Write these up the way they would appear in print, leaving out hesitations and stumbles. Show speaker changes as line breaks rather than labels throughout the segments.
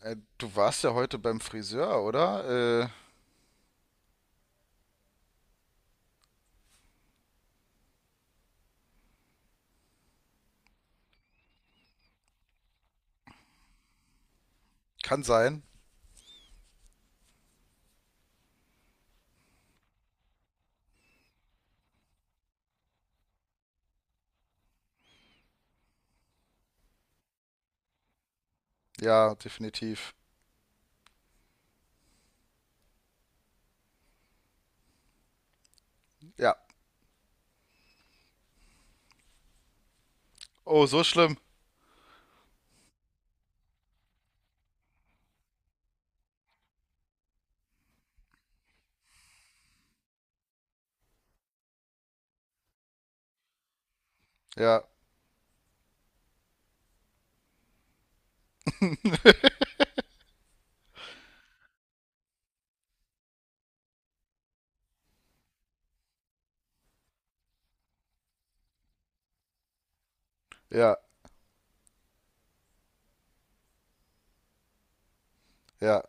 Du warst ja heute beim Friseur, oder? Kann sein. Ja, definitiv. Ja. Oh, so schlimm. Ja, ja, ja.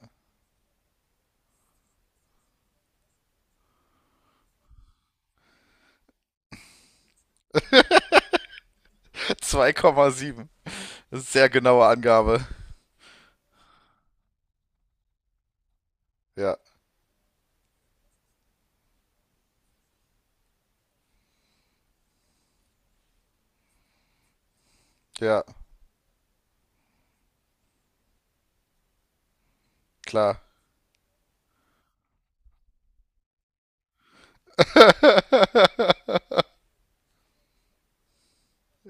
2,7. Das ist sehr genaue Angabe. Ja, ja, klar.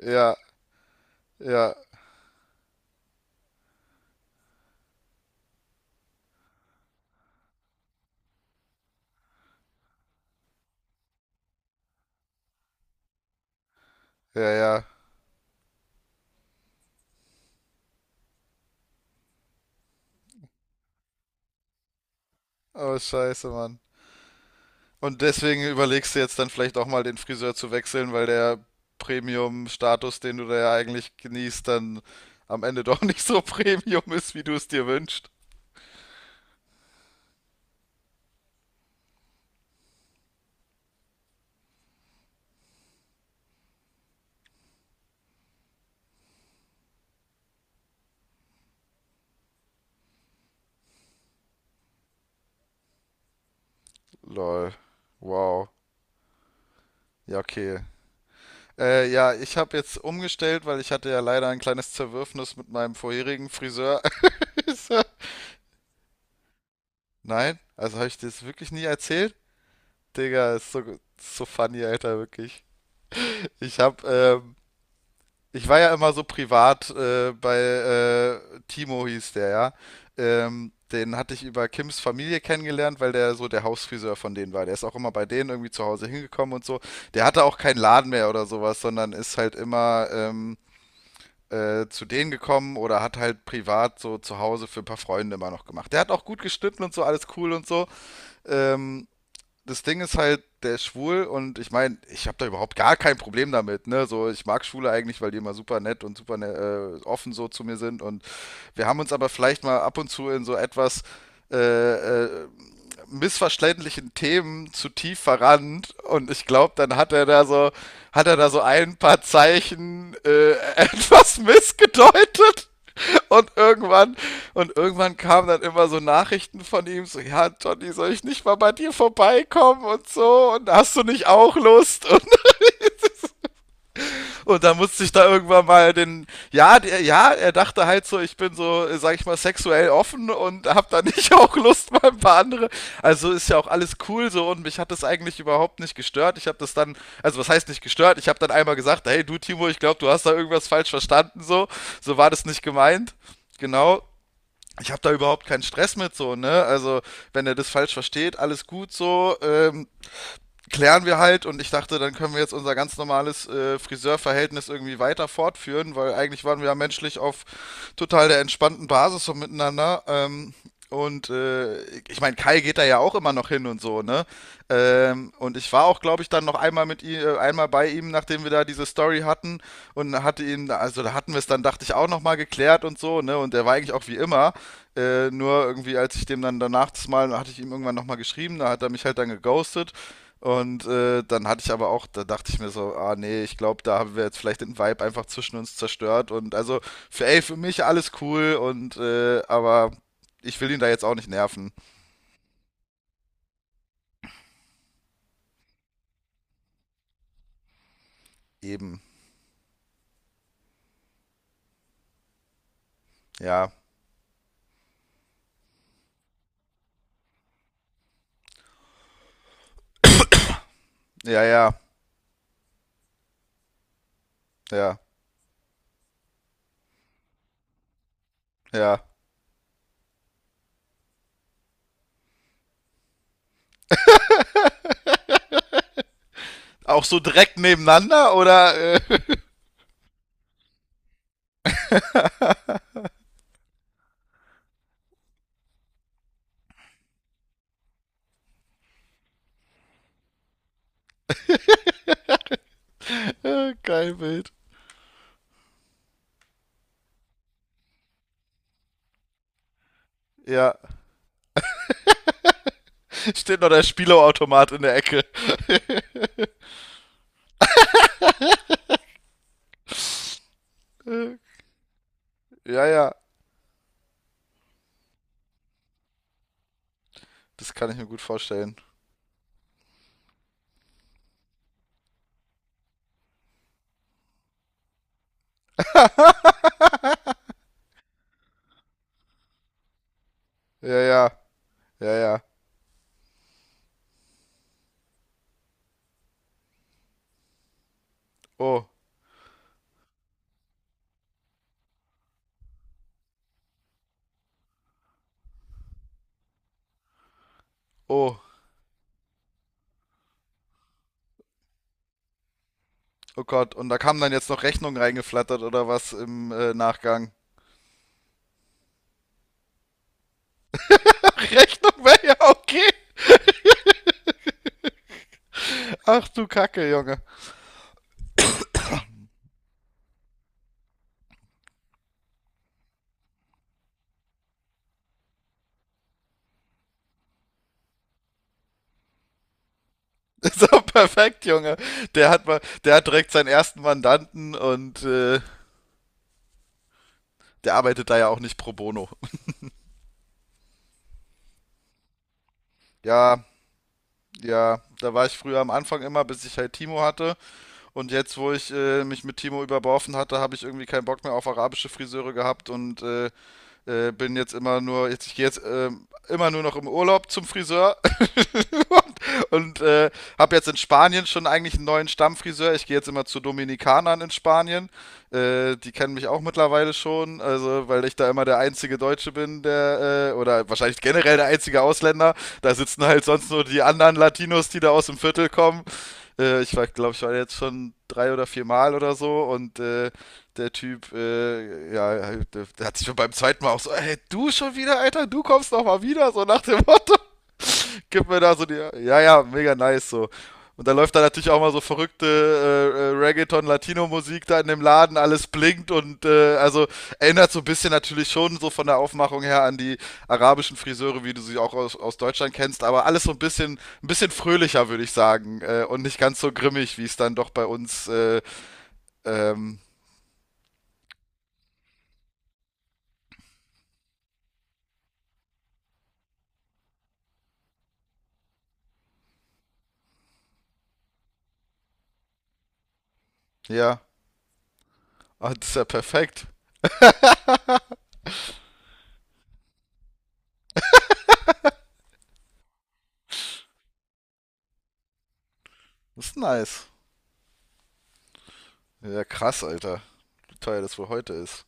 Ja, ja, ja. Oh, scheiße, Mann. Und deswegen überlegst du jetzt dann vielleicht auch mal den Friseur zu wechseln, weil der Premium-Status, den du da ja eigentlich genießt, dann am Ende doch nicht so Premium ist, wie du es dir wünschst. Lol. Wow. Ja, okay. Ja, ich habe jetzt umgestellt, weil ich hatte ja leider ein kleines Zerwürfnis mit meinem vorherigen Friseur. Nein? Also habe ich dir das wirklich nie erzählt? Digga, ist so funny, Alter, wirklich. Ich habe ich war ja immer so privat bei Timo hieß der, ja. Den hatte ich über Kims Familie kennengelernt, weil der so der Hausfriseur von denen war. Der ist auch immer bei denen irgendwie zu Hause hingekommen und so. Der hatte auch keinen Laden mehr oder sowas, sondern ist halt immer zu denen gekommen oder hat halt privat so zu Hause für ein paar Freunde immer noch gemacht. Der hat auch gut geschnitten und so, alles cool und so. Ähm, Das Ding ist halt, der ist schwul und ich meine, ich habe da überhaupt gar kein Problem damit, ne? So, ich mag Schwule eigentlich, weil die immer super nett und super offen so zu mir sind und wir haben uns aber vielleicht mal ab und zu in so etwas äh, äh, missverständlichen Themen zu tief verrannt und ich glaube, dann hat er da so, hat er da so ein paar Zeichen etwas missgedeutet. Und irgendwann, und irgendwann kamen dann immer so Nachrichten von ihm, so, ja, Johnny, soll ich nicht mal bei dir vorbeikommen und so, und hast du nicht auch Lust? Und dann musste ich da irgendwann mal den, ja, der, ja, er dachte halt so, ich bin so, sag ich mal, sexuell offen und hab da nicht auch Lust mal ein paar andere. Also ist ja auch alles cool so und mich hat das eigentlich überhaupt nicht gestört. Ich habe das dann, also was heißt nicht gestört? Ich habe dann einmal gesagt, hey, du Timo, ich glaube, du hast da irgendwas falsch verstanden, so, so war das nicht gemeint. Genau, ich habe da überhaupt keinen Stress mit so, ne? Also, wenn er das falsch versteht, alles gut so. Klären wir halt und ich dachte, dann können wir jetzt unser ganz normales Friseurverhältnis irgendwie weiter fortführen, weil eigentlich waren wir ja menschlich auf total der entspannten Basis so miteinander. Und ich meine, Kai geht da ja auch immer noch hin und so, ne? Und ich war auch, glaube ich, dann noch einmal mit ihm, einmal bei ihm, nachdem wir da diese Story hatten und hatte ihn, also da hatten wir es dann, dachte ich, auch nochmal geklärt und so, ne? Und der war eigentlich auch wie immer. Nur irgendwie, als ich dem dann danach das Mal, hatte ich ihm irgendwann nochmal geschrieben, da hat er mich halt dann geghostet. Und dann hatte ich aber auch, da dachte ich mir so, ah nee, ich glaube, da haben wir jetzt vielleicht den Vibe einfach zwischen uns zerstört. Und also, für, ey, für mich alles cool und aber ich will ihn da jetzt auch nicht nerven. Eben. Ja. Ja, ja, ja, ja. Auch so direkt nebeneinander oder geil Bild. Ja. Steht noch der Spielautomat in der Ecke. Ja, ja. Das kann ich mir gut vorstellen. Ja, ja. Ja, ja. Oh, oh. Oh Gott, und da kamen dann jetzt noch Rechnungen reingeflattert oder was im Nachgang. Ach, Rechnung wäre ja okay. Ach du Kacke, Junge. Ist doch perfekt, Junge. Der hat mal, der hat direkt seinen ersten Mandanten und der arbeitet da ja auch nicht pro bono. Ja, ja, da war ich früher am Anfang immer, bis ich halt Timo hatte. Und jetzt, wo ich mich mit Timo überworfen hatte, habe ich irgendwie keinen Bock mehr auf arabische Friseure gehabt und bin jetzt immer nur, jetzt, ich gehe jetzt immer nur noch im Urlaub zum Friseur, und habe jetzt in Spanien schon eigentlich einen neuen Stammfriseur. Ich gehe jetzt immer zu Dominikanern in Spanien. Die kennen mich auch mittlerweile schon, also weil ich da immer der einzige Deutsche bin, der oder wahrscheinlich generell der einzige Ausländer. Da sitzen halt sonst nur die anderen Latinos, die da aus dem Viertel kommen. Ich glaube, ich war jetzt schon drei oder vier Mal oder so und der Typ, ja, der, der hat sich schon beim zweiten Mal auch so, hey, du schon wieder, Alter, du kommst noch mal wieder, so nach dem Motto gib mir da so die. Ja, ja, mega nice so. Und da läuft da natürlich auch mal so verrückte Reggaeton-Latino-Musik da in dem Laden, alles blinkt und also erinnert so ein bisschen natürlich schon so von der Aufmachung her an die arabischen Friseure, wie du sie auch aus, aus Deutschland kennst, aber alles so ein bisschen fröhlicher, würde ich sagen. Und nicht ganz so grimmig, wie es dann doch bei uns, ähm, ja. Ah, das ist ja perfekt. Das ist nice. Ja, krass, Alter. Wie teuer das wohl heute ist.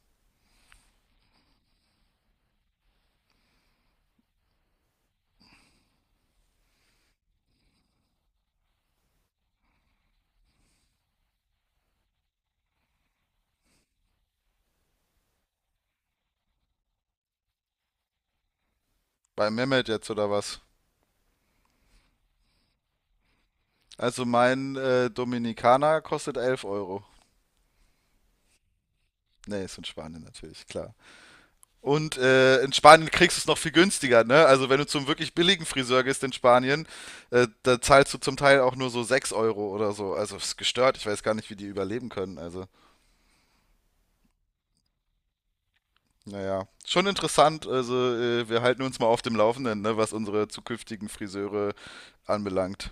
Bei Mehmet jetzt oder was? Also mein Dominikaner kostet 11 Euro. Nee, ist in Spanien natürlich, klar. Und in Spanien kriegst du es noch viel günstiger, ne? Also wenn du zum wirklich billigen Friseur gehst in Spanien, da zahlst du zum Teil auch nur so 6 Euro oder so. Also ist gestört, ich weiß gar nicht, wie die überleben können. Also, naja, schon interessant. Also wir halten uns mal auf dem Laufenden, ne, was unsere zukünftigen Friseure anbelangt.